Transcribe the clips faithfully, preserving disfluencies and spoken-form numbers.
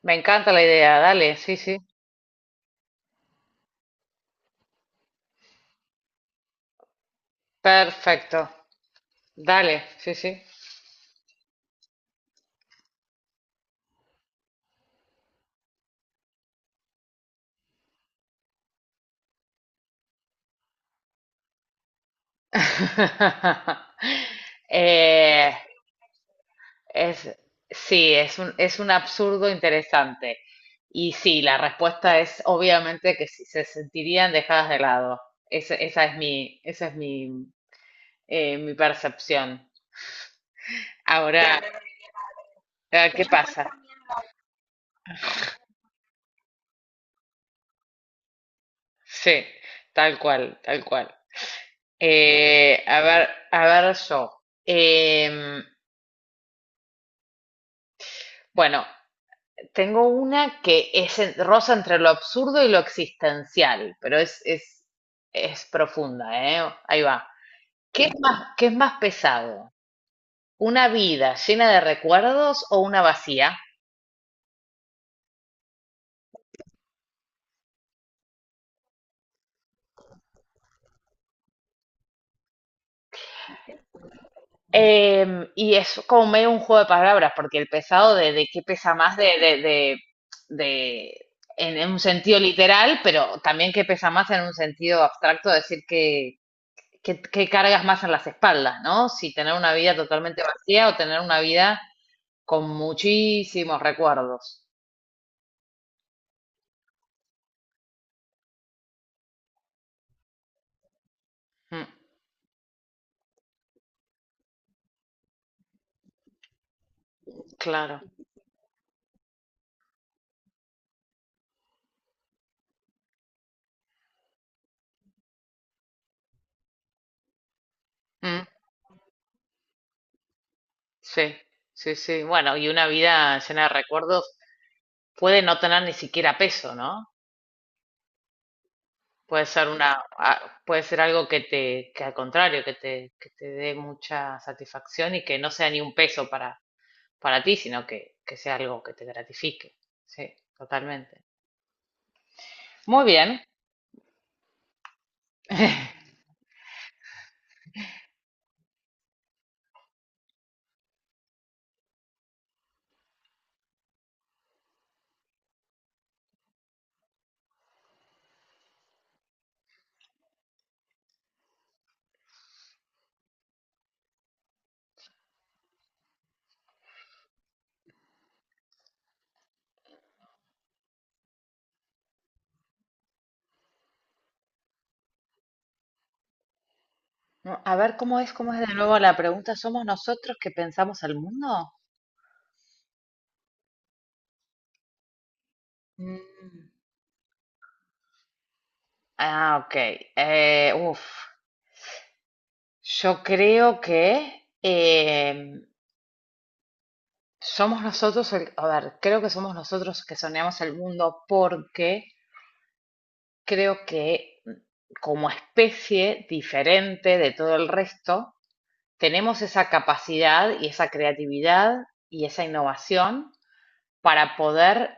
Me encanta la idea, dale, sí, sí. Perfecto, dale, sí, sí. Eh, es, sí, es un, es un absurdo interesante. Y sí, la respuesta es obviamente que sí, se sentirían dejadas de lado. Esa, esa es mi, esa es mi, eh, mi percepción. Ahora, a ver qué pasa. Sí, tal cual, tal cual. Eh, a ver, a ver yo. Em, bueno, Tengo una que es en- roza entre lo absurdo y lo existencial, pero es, es, es profunda, ¿eh? Ahí va. ¿Qué es más, qué es más pesado? ¿Una vida llena de recuerdos o una vacía? Em, y es como medio un juego de palabras, porque el pesado de, de qué pesa más de, de, de, de- en, en un sentido literal, pero también qué pesa más en un sentido abstracto, decir que, que, que cargas más en las espaldas, ¿no? Si tener una vida totalmente vacía o tener una vida con muchísimos recuerdos. Mm, claro. Mm, sí, sí, sí. Bueno, y una vida llena de recuerdos puede no tener ni siquiera peso, ¿no? Puede ser una, a- puede ser algo que te, que al contrario, que te, que te dé mucha satisfacción y que no sea ni un peso para, para ti, sino que, que sea algo que te gratifique. Sí, totalmente. Muy bien. No, a ver cómo es, cómo es de nuevo la pregunta. ¿Somos nosotros que pensamos al mundo? Mm. Ah, ok. Eh, uf, yo creo que eh, somos nosotros, el- a ver, creo que somos nosotros que soñamos el mundo porque creo que mm, como especie diferente de todo el resto, tenemos esa capacidad y esa creatividad y esa innovación para poder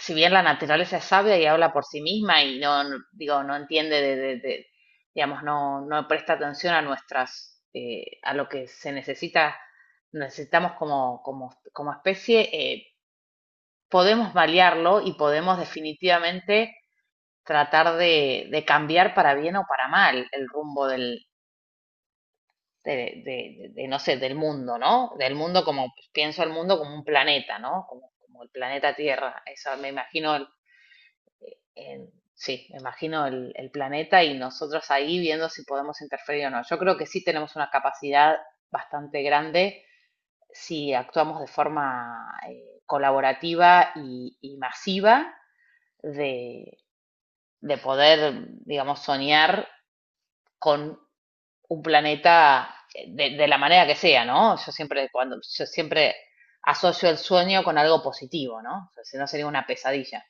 si bien la naturaleza es sabia y habla por sí misma y no, no- digo, no entiende de, de- de- digamos, no, no presta atención a nuestras, eh, a lo que se necesita, necesitamos como, como, como especie, eh, podemos variarlo y podemos definitivamente tratar de, de cambiar para bien o para mal el rumbo del, de, de- de- de, no sé, del mundo, ¿no? Del mundo como, pienso el mundo como un planeta, ¿no? Como, como el planeta Tierra, eso me imagino el, en- sí, imagino el, el planeta y nosotros ahí viendo si podemos interferir o no. Yo creo que sí tenemos una capacidad bastante grande si actuamos de forma eh, colaborativa y, y masiva de, de poder, digamos, soñar con un planeta eh, de, de la manera que sea, ¿no? Yo siempre, cuando, yo siempre asocio el sueño con algo positivo, ¿no? O sea, si no sería una pesadilla.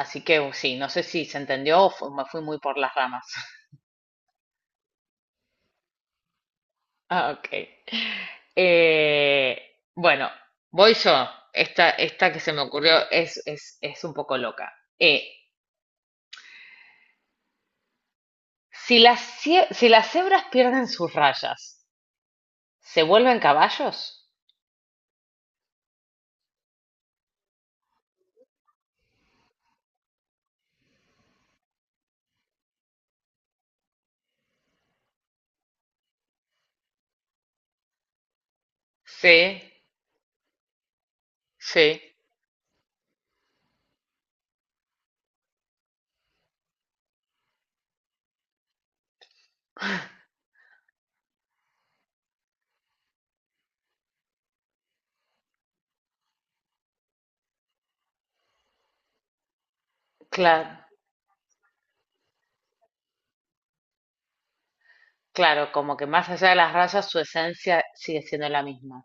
Así que uh, sí, no sé si se entendió o fu- me fui muy por las ramas. Ah, ok. Eh, bueno, voy yo. Esta, esta que se me ocurrió es, es, es un poco loca. Eh, si las, cie- si las cebras pierden sus rayas, ¿se vuelven caballos? Sí, sí. Claro, claro, como que más allá de las rayas, su esencia sigue siendo la misma.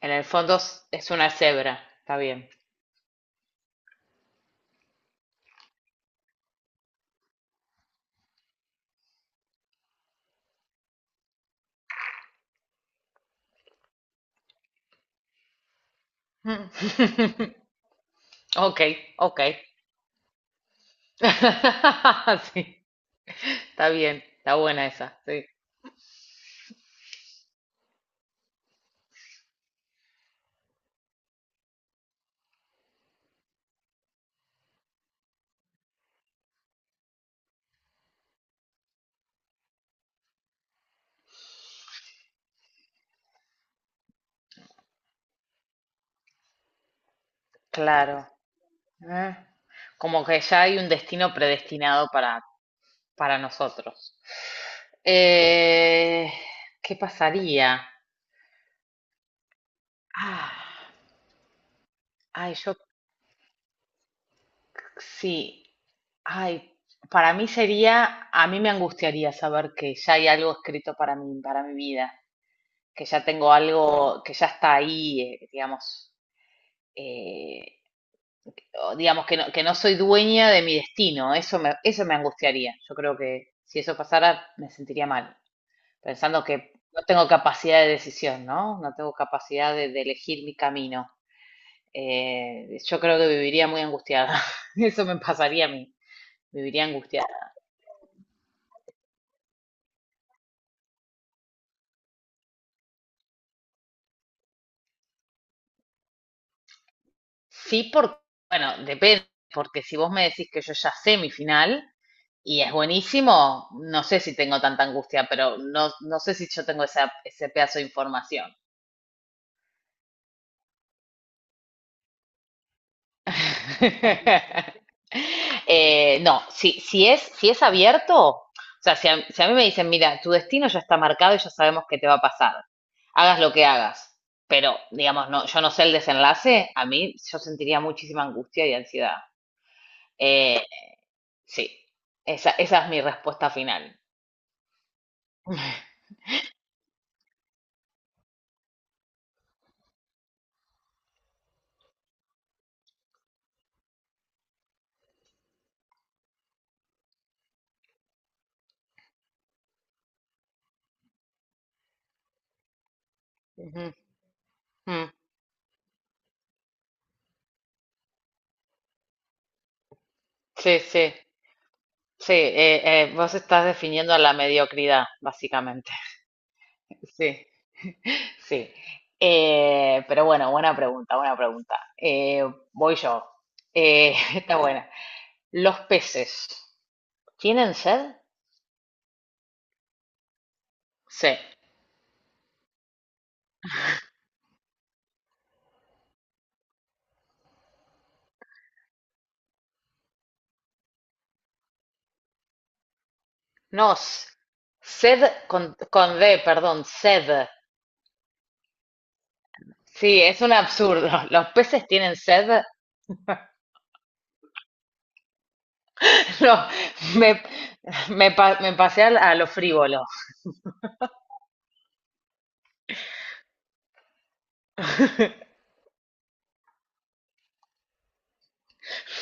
En el fondo s- es una cebra, está bien. Ok, ok. Sí, está bien, está buena esa, sí. Claro. Ah, como que ya hay un destino predestinado para, para nosotros. Eh, ¿qué pasaría? Ah, ay, yo sí. Ay, para mí sería, a mí me angustiaría saber que ya hay algo escrito para mí, para mi vida, que ya tengo algo, que ya está ahí, eh, digamos, eh, o digamos, que no, que no soy dueña de mi destino. Eso me, eso me angustiaría. Yo creo que si eso pasara, me sentiría mal. Pensando que no tengo capacidad de decisión, ¿no? No tengo capacidad de, de elegir mi camino. Eh, yo creo que viviría muy angustiada. Eso me pasaría a mí. Viviría angustiada. Sí, porque, bueno, depende. Porque si vos me decís que yo ya sé mi final y es buenísimo, no sé si tengo tanta angustia, pero no, no sé si yo tengo esa, ese pedazo de información. Eh, no, si, si es, si es abierto, o sea, si a, si a mí me dicen, mira, tu destino ya está marcado y ya sabemos qué te va a pasar, hagas lo que hagas, pero digamos, no, yo no sé el desenlace, a mí yo sentiría muchísima angustia y ansiedad. Eh, sí, esa, esa es mi respuesta final. Ujú, mm, sí, sí, sí, eh, eh, vos estás definiendo la mediocridad, básicamente. Sí. Sí, Eh, pero bueno, buena pregunta, buena pregunta. Eh, voy yo. Eh, está buena. ¿Los peces tienen sed? Sí. No, s- sed con, con D, perdón, sed. Sí, es un absurdo. ¿Los peces tienen sed? No, me, me, pa- me pasé al- a lo frívolo.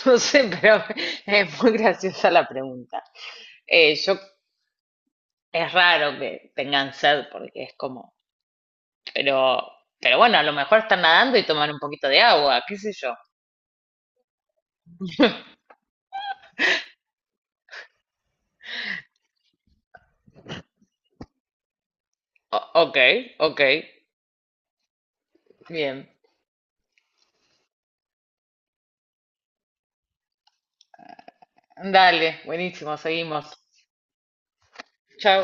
No sé, pero es muy graciosa la pregunta. Eh, yo, es raro que tengan sed porque es como Pero, pero bueno, a lo mejor están nadando y toman un poquito de agua, qué sé yo. O- ok, ok, bien. Dale, buenísimo, seguimos. Chao.